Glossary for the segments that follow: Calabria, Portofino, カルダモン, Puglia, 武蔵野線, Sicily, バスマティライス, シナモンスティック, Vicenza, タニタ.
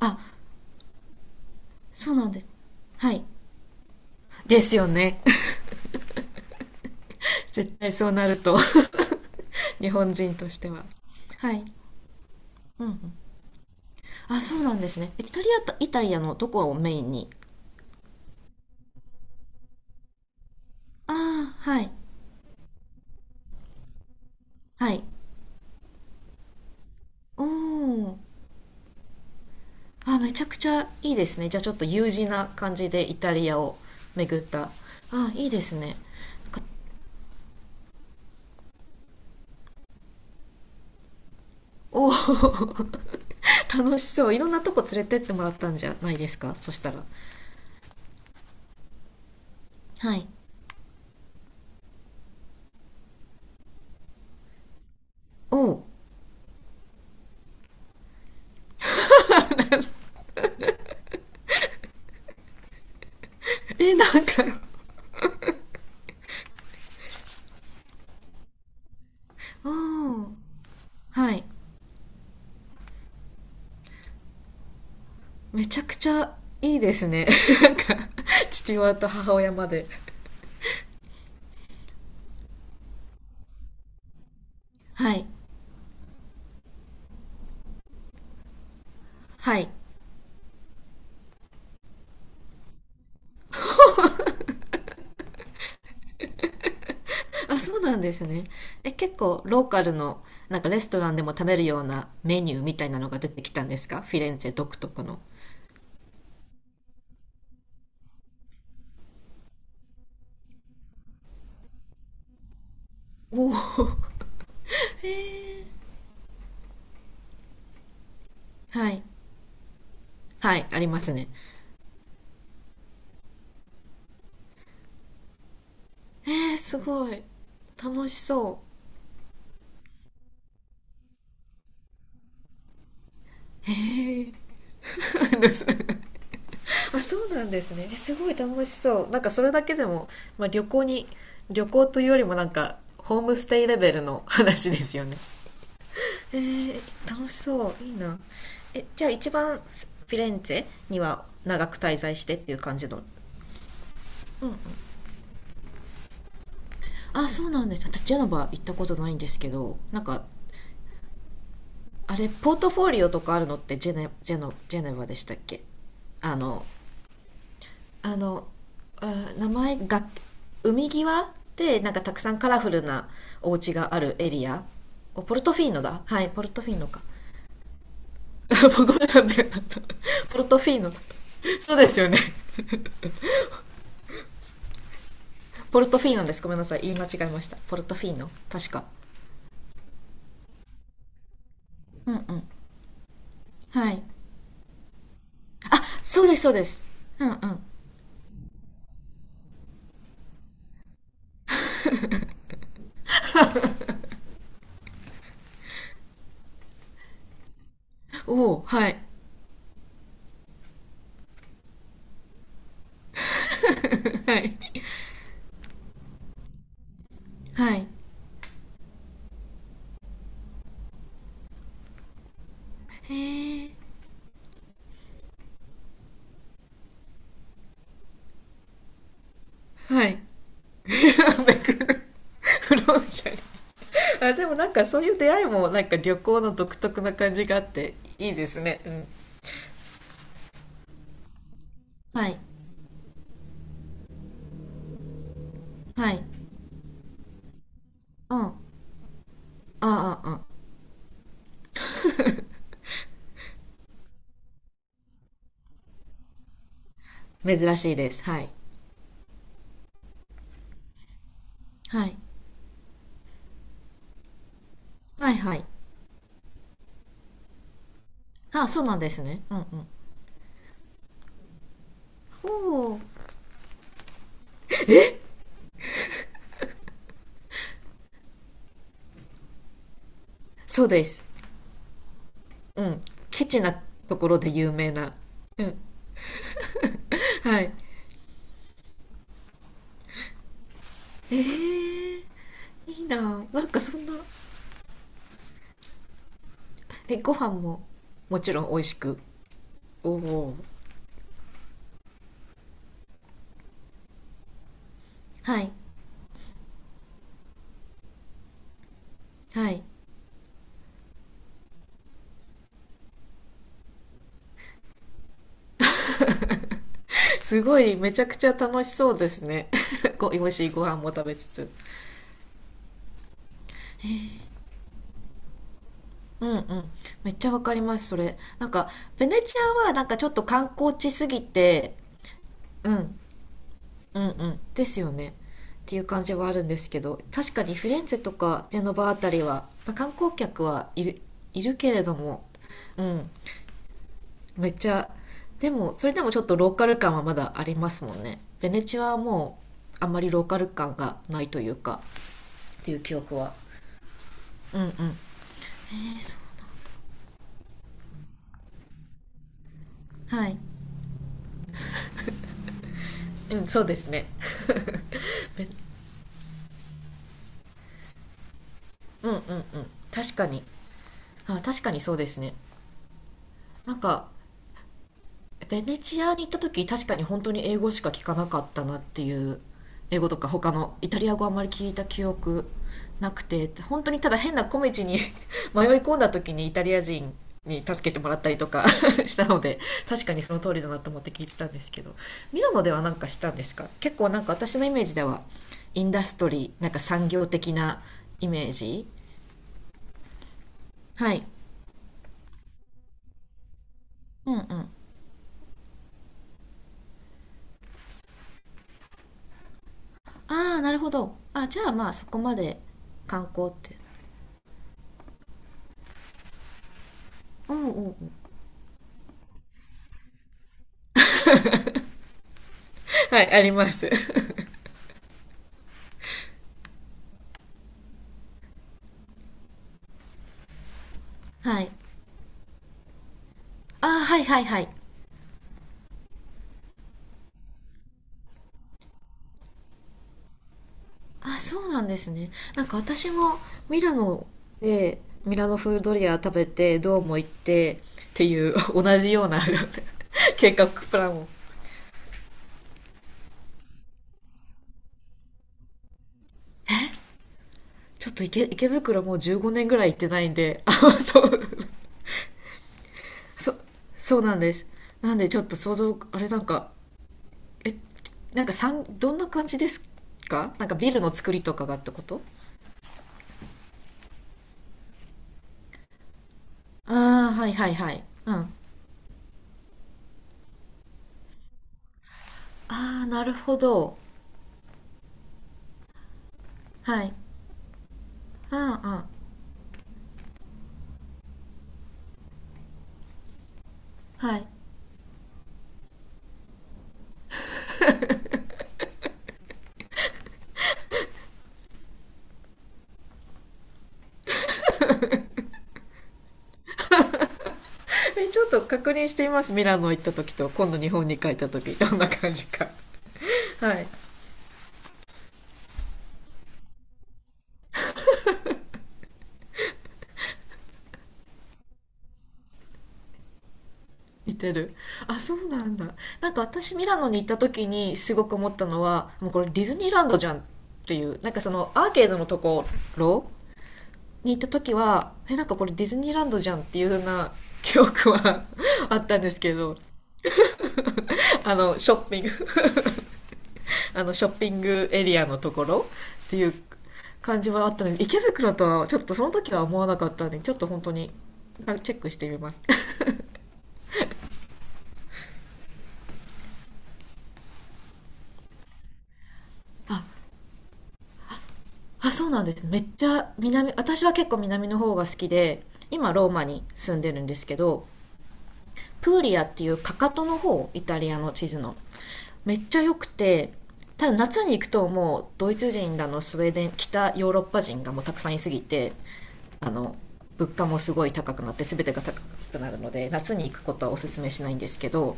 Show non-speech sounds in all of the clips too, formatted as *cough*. あ、そうなんです。はい。ですよね。*laughs* 絶対そうなると *laughs* 日本人としては。はい。うんうん。あ、そうなんですね。イタリアと、イタリアのどこをメインに。ああ、はい。はい。おお。あ、めちゃくちゃいいですね。じゃあちょっと U 字な感じでイタリアを巡った。あ、いいですね。なんか、おお。*laughs* 楽しそう。いろんなとこ連れてってもらったんじゃないですか、そしたら。はい。おお。え、なんか、おお。はい。めちゃくちゃいいですね。 *laughs* なんか、父親と母親まで。はいはい。あ、そうなんですね。え、結構ローカルのなんかレストランでも食べるようなメニューみたいなのが出てきたんですか、フィレンツェ独特の。おお。 *laughs* はいはい、ありますね。えー、すごい楽しそう。えーです。 *laughs* あ、そうなんですね。え、すごい楽しそう。なんかそれだけでも、まあ、旅行に、旅行というよりもなんかホームステイレベルの話ですよね。えー、楽しそう、いいな。え、じゃあ一番フィレンツェには長く滞在してっていう感じの。うん。あ、そうなんです。私ジェノバ行ったことないんですけど、なんか、あれポートフォリオとかあるのって、ジェネ、ジェノ、ジェネバでしたっけ。あののあ、名前が、海際で、なんかたくさんカラフルなお家があるエリア。お、ポルトフィーノだ。はい、ポルトフィーノか。 *laughs* ごめん *laughs* なさい。ポルトフィーノだ、そうですよね。ポルトフィーノです、ごめんなさい、言い間違えました。ポルトフィーノ、確か。うんうん。はい。あ、そうですそうです。うんうん。おお、はい。はいはい。へえ。はい。フローシャル。あ、でもなんかそういう出会いもなんか旅行の独特な感じがあっていいですね。うん。はいはい。うん。ああ。あ、あ珍しいです、はい。はいはい。はい。あ、そうなんですね。うんうん。おお。そうです。うん、ケチな。ところで有名な。うん。はい。えー、いいな。なんかそんな、え、ご飯ももちろん美味しく。おお、はい。はい。すごい、めちゃくちゃ楽しそうですね。*laughs* ご、美味しいご飯も食べつつ。うんうん。めっちゃわかります、それ。なんか、ベネチアはなんかちょっと観光地すぎて、うん、うんうん。ですよね。っていう感じはあるんですけど、確かにフィレンツェとかジェノバあたりは、まあ観光客はいる、いるけれども、うん。めっちゃ、でもそれでもちょっとローカル感はまだありますもんね。ベネチアはもう、あんまりローカル感がないというか、っていう記憶は。うんうん。えー、そうな。んはい。うん。そうですね。 *laughs* うんうんうん。確かに。あ、確かにそうですね。なんかベネチアに行った時、確かに本当に英語しか聞かなかったなっていう。英語とか他のイタリア語あんまり聞いた記憶なくて、本当にただ変な小道に *laughs* 迷い込んだ時にイタリア人に助けてもらったりとか *laughs* したので、確かにその通りだなと思って聞いてたんですけど。ミラノではなんかしたんですか。結構なんか私のイメージではインダストリー、なんか産業的なイメージ。はい。うんうん。ああ、なるほど。あ、じゃあまあそこまで観光って。うんうんうん。はい、あります。はい。あ、はいはいはい。あ、そうなんですね。なんか私もミラノで、ミラノ風ドリア食べて、ドーム行ってっていう *laughs* 同じような *laughs* 計画プランを。ちょっと池袋もう15年ぐらい行ってないんで、あ、そう、そ、そうなんです。なんでちょっと想像、あれなんか、え、なんかさん、どんな感じですか、なんかビルの作りとかがってこと。ああ、はいはいはい。うん。ああ、なるほど。はい。うんうん。はい。え、ちょっと確認してみます、ミラノ行った時と今度日本に帰った時どんな感じか。はい。似てる。あ、そうなんだ。なんか私ミラノに行った時にすごく思ったのは、もうこれディズニーランドじゃんっていう、なんかそのアーケードのところに行った時は、え、なんかこれディズニーランドじゃんっていう風な記憶は *laughs* あったんですけど、あのショッピング、あのショッピングエリアのところっていう感じはあったので、池袋とはちょっとその時は思わなかったので、ちょっと本当に、あ、チェックしてみます。 *laughs* あ、あ、そうなんですね。めっちゃ南、私は結構南の方が好きで、今ローマに住んでるんですけど、プーリアっていう、かかとの方、イタリアの地図の、めっちゃ良くて。ただ夏に行くと、もうドイツ人だのスウェーデン、北ヨーロッパ人がもうたくさんいすぎて、あの、物価もすごい高くなって、全てが高くなるので夏に行くことはおすすめしないんですけど、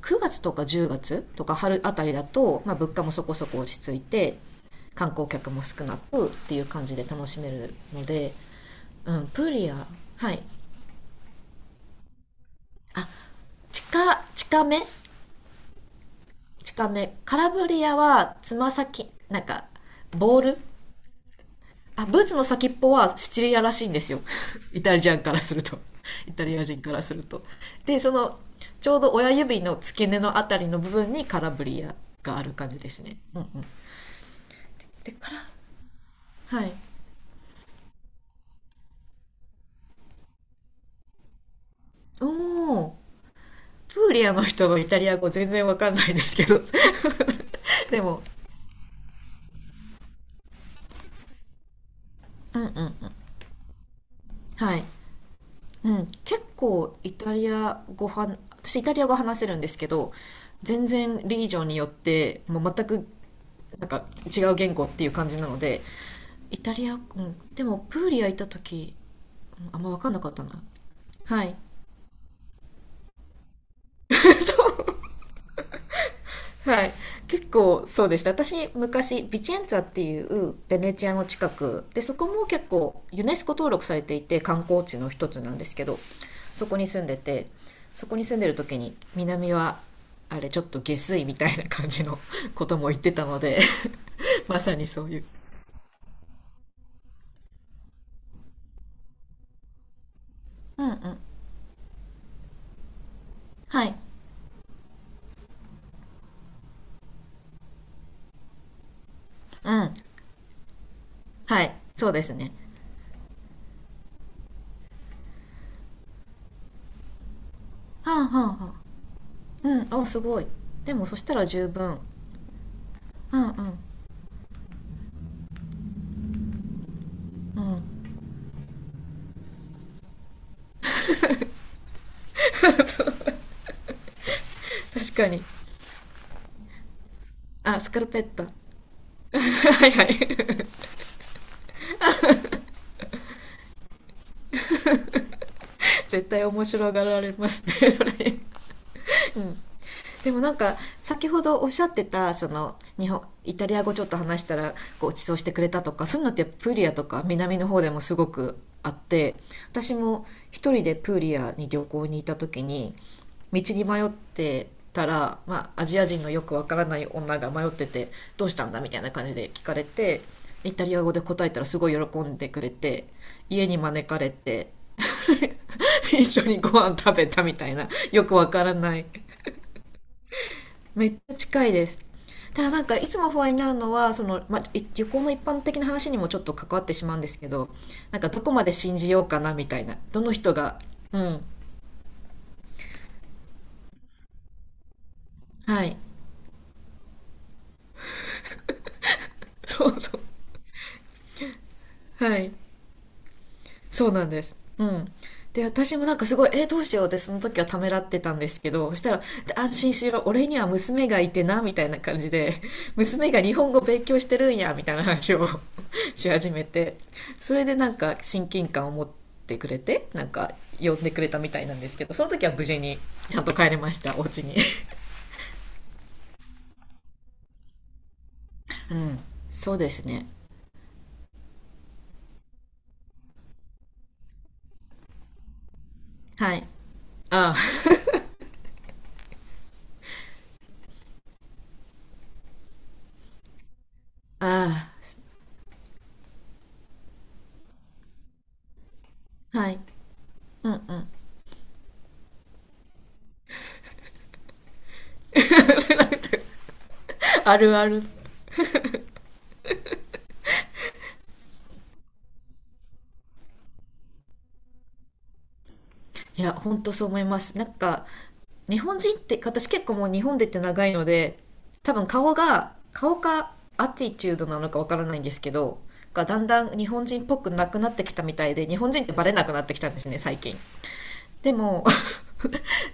9月とか10月とか春あたりだと、まあ、物価もそこそこ落ち着いて、観光客も少なくっていう感じで楽しめるので。うん、プーリア、はい。あ、近、近め近め。カラブリアはつま先、なんかボール。あ、ブーツの先っぽはシチリアらしいんですよ。*laughs* イタリアンからすると。*laughs* イタリア人からすると。で、その、ちょうど親指の付け根のあたりの部分にカラブリアがある感じですね。うんうん。でから、はい。おお、プーリアの人のイタリア語全然わかんないんですけど。*laughs* でも、うんうんうん。はい。うん、結構イタリア語は、私イタリア語話せるんですけど、全然リージョンによってもう全く、なんか違う言語っていう感じなので、イタリア、うん、でもプーリア行った時、うん、あんま分かんなかったな。はい。*laughs* そう。はい。結構そうでした。私、昔、ビチェンツァっていうベネチアの近くで、そこも結構ユネスコ登録されていて観光地の一つなんですけど、そこに住んでて、そこに住んでる時に南は、あれちょっと下水みたいな感じの *laughs* ことも言ってたので *laughs* まさにそういう。うんうん。はい。うん。はい。そうですね。はあはあはあ。うん。お、すごい。でもそしたら十分。うんうん。うん。確かに。あ、スカルペッタ。*laughs* はいはい。絶対面白がられますね、それ。うん、でもなんか先ほどおっしゃってたその、日本、イタリア語ちょっと話したらごちそうしてくれたとか、そういうのってプーリアとか南の方でもすごくあって、私も一人でプーリアに旅行に行った時に道に迷ってたら、まあ、アジア人のよくわからない女が迷ってて、「どうしたんだ?」みたいな感じで聞かれて、イタリア語で答えたらすごい喜んでくれて、家に招かれて *laughs* 一緒にご飯食べたみたいな、よくわからない。めっちゃ近いです。ただ、なんかいつも不安になるのは旅行の一般的な話にもちょっと関わってしまうんですけど、なんかどこまで信じようかなみたいな、どの人が。うん。はい。そうそう。はい。そうなんです。うん。で、私もなんかすごい、どうしようってその時はためらってたんですけど、そしたら、安心しろ、俺には娘がいてな、みたいな感じで、*laughs* 娘が日本語勉強してるんや、みたいな話を *laughs* し始めて、それでなんか親近感を持ってくれて、なんか呼んでくれたみたいなんですけど、その時は無事にちゃんと帰れました、お家に。うん。そうですね。はい。ああ、ああ、はい。うんうん。あるある。いや、ほんとそう思います。なんか、日本人って、私結構もう日本でって長いので、多分顔かアティチュードなのかわからないんですけど、がだんだん日本人っぽくなくなってきたみたいで、日本人ってバレなくなってきたんですね、最近。でも、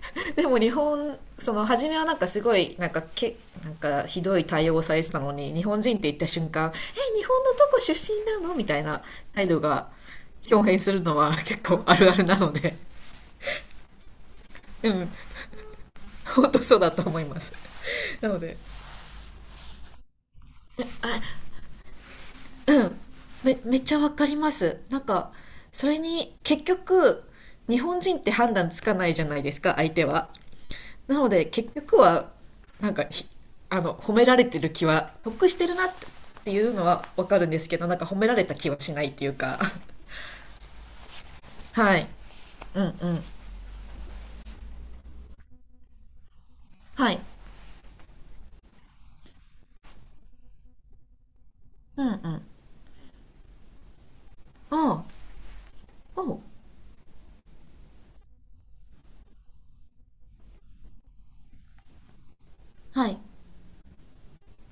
*laughs* でも日本、その初めはなんかすごい、なんかけなんかひどい対応をされてたのに、日本人って言った瞬間「え、日本のどこ出身なの？」みたいな態度が表現するのは結構あるあるなので。うん。本当そうだと思います。なので、めっちゃわかります。なんか、それに結局、日本人って判断つかないじゃないですか、相手は。なので結局は、なんかひあの、褒められてる気は得してるなっていうのはわかるんですけど、なんか褒められた気はしないっていうか。 *laughs* はい。うんうん。はい。うんうん。ああ。おう。はい。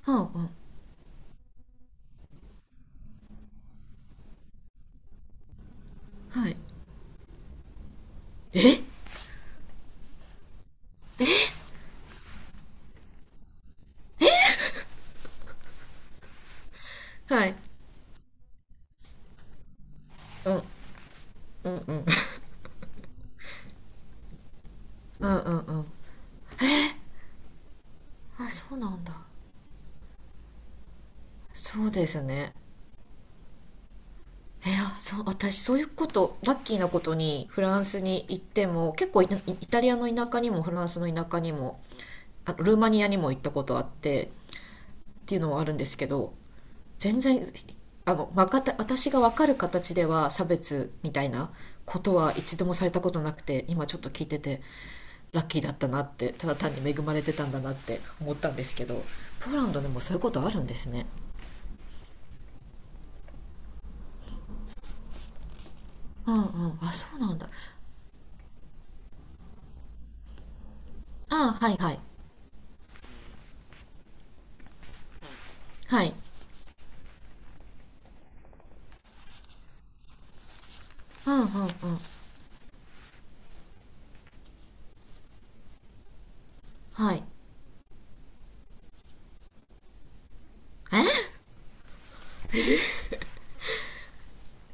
ああ。うん。はい。え。はい。うんうんうん。うんうんうん。あ、そうなんだ。そうですね。いや、そう、私そういうこと、ラッキーなことにフランスに行っても、結構イタリアの田舎にもフランスの田舎にも、あとルーマニアにも行ったことあってっていうのはあるんですけど、全然、わかった、私がわかる形では差別みたいなことは一度もされたことなくて、今ちょっと聞いてて、ラッキーだったなって、ただ単に恵まれてたんだなって思ったんですけど、ポーランドでもそういうことあるんですね。うんうん、あ、そうなんだ。あ、はいはい。はい。うんうんうん。はい。え。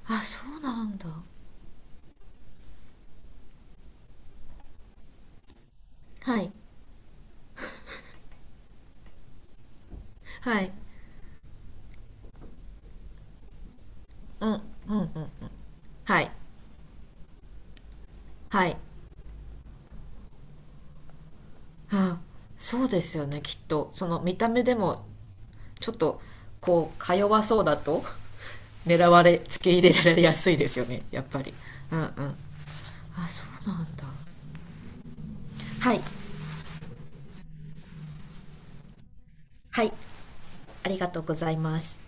あ、そうなんだ。はいはい。うんうんうん。はいはい。あ、そうですよね。きっとその見た目でもちょっとこう、か弱そうだと狙われ、付け入れられやすいですよね、やっぱり。うんうん。あ、そうなんだ。はいはい。ありがとうございます。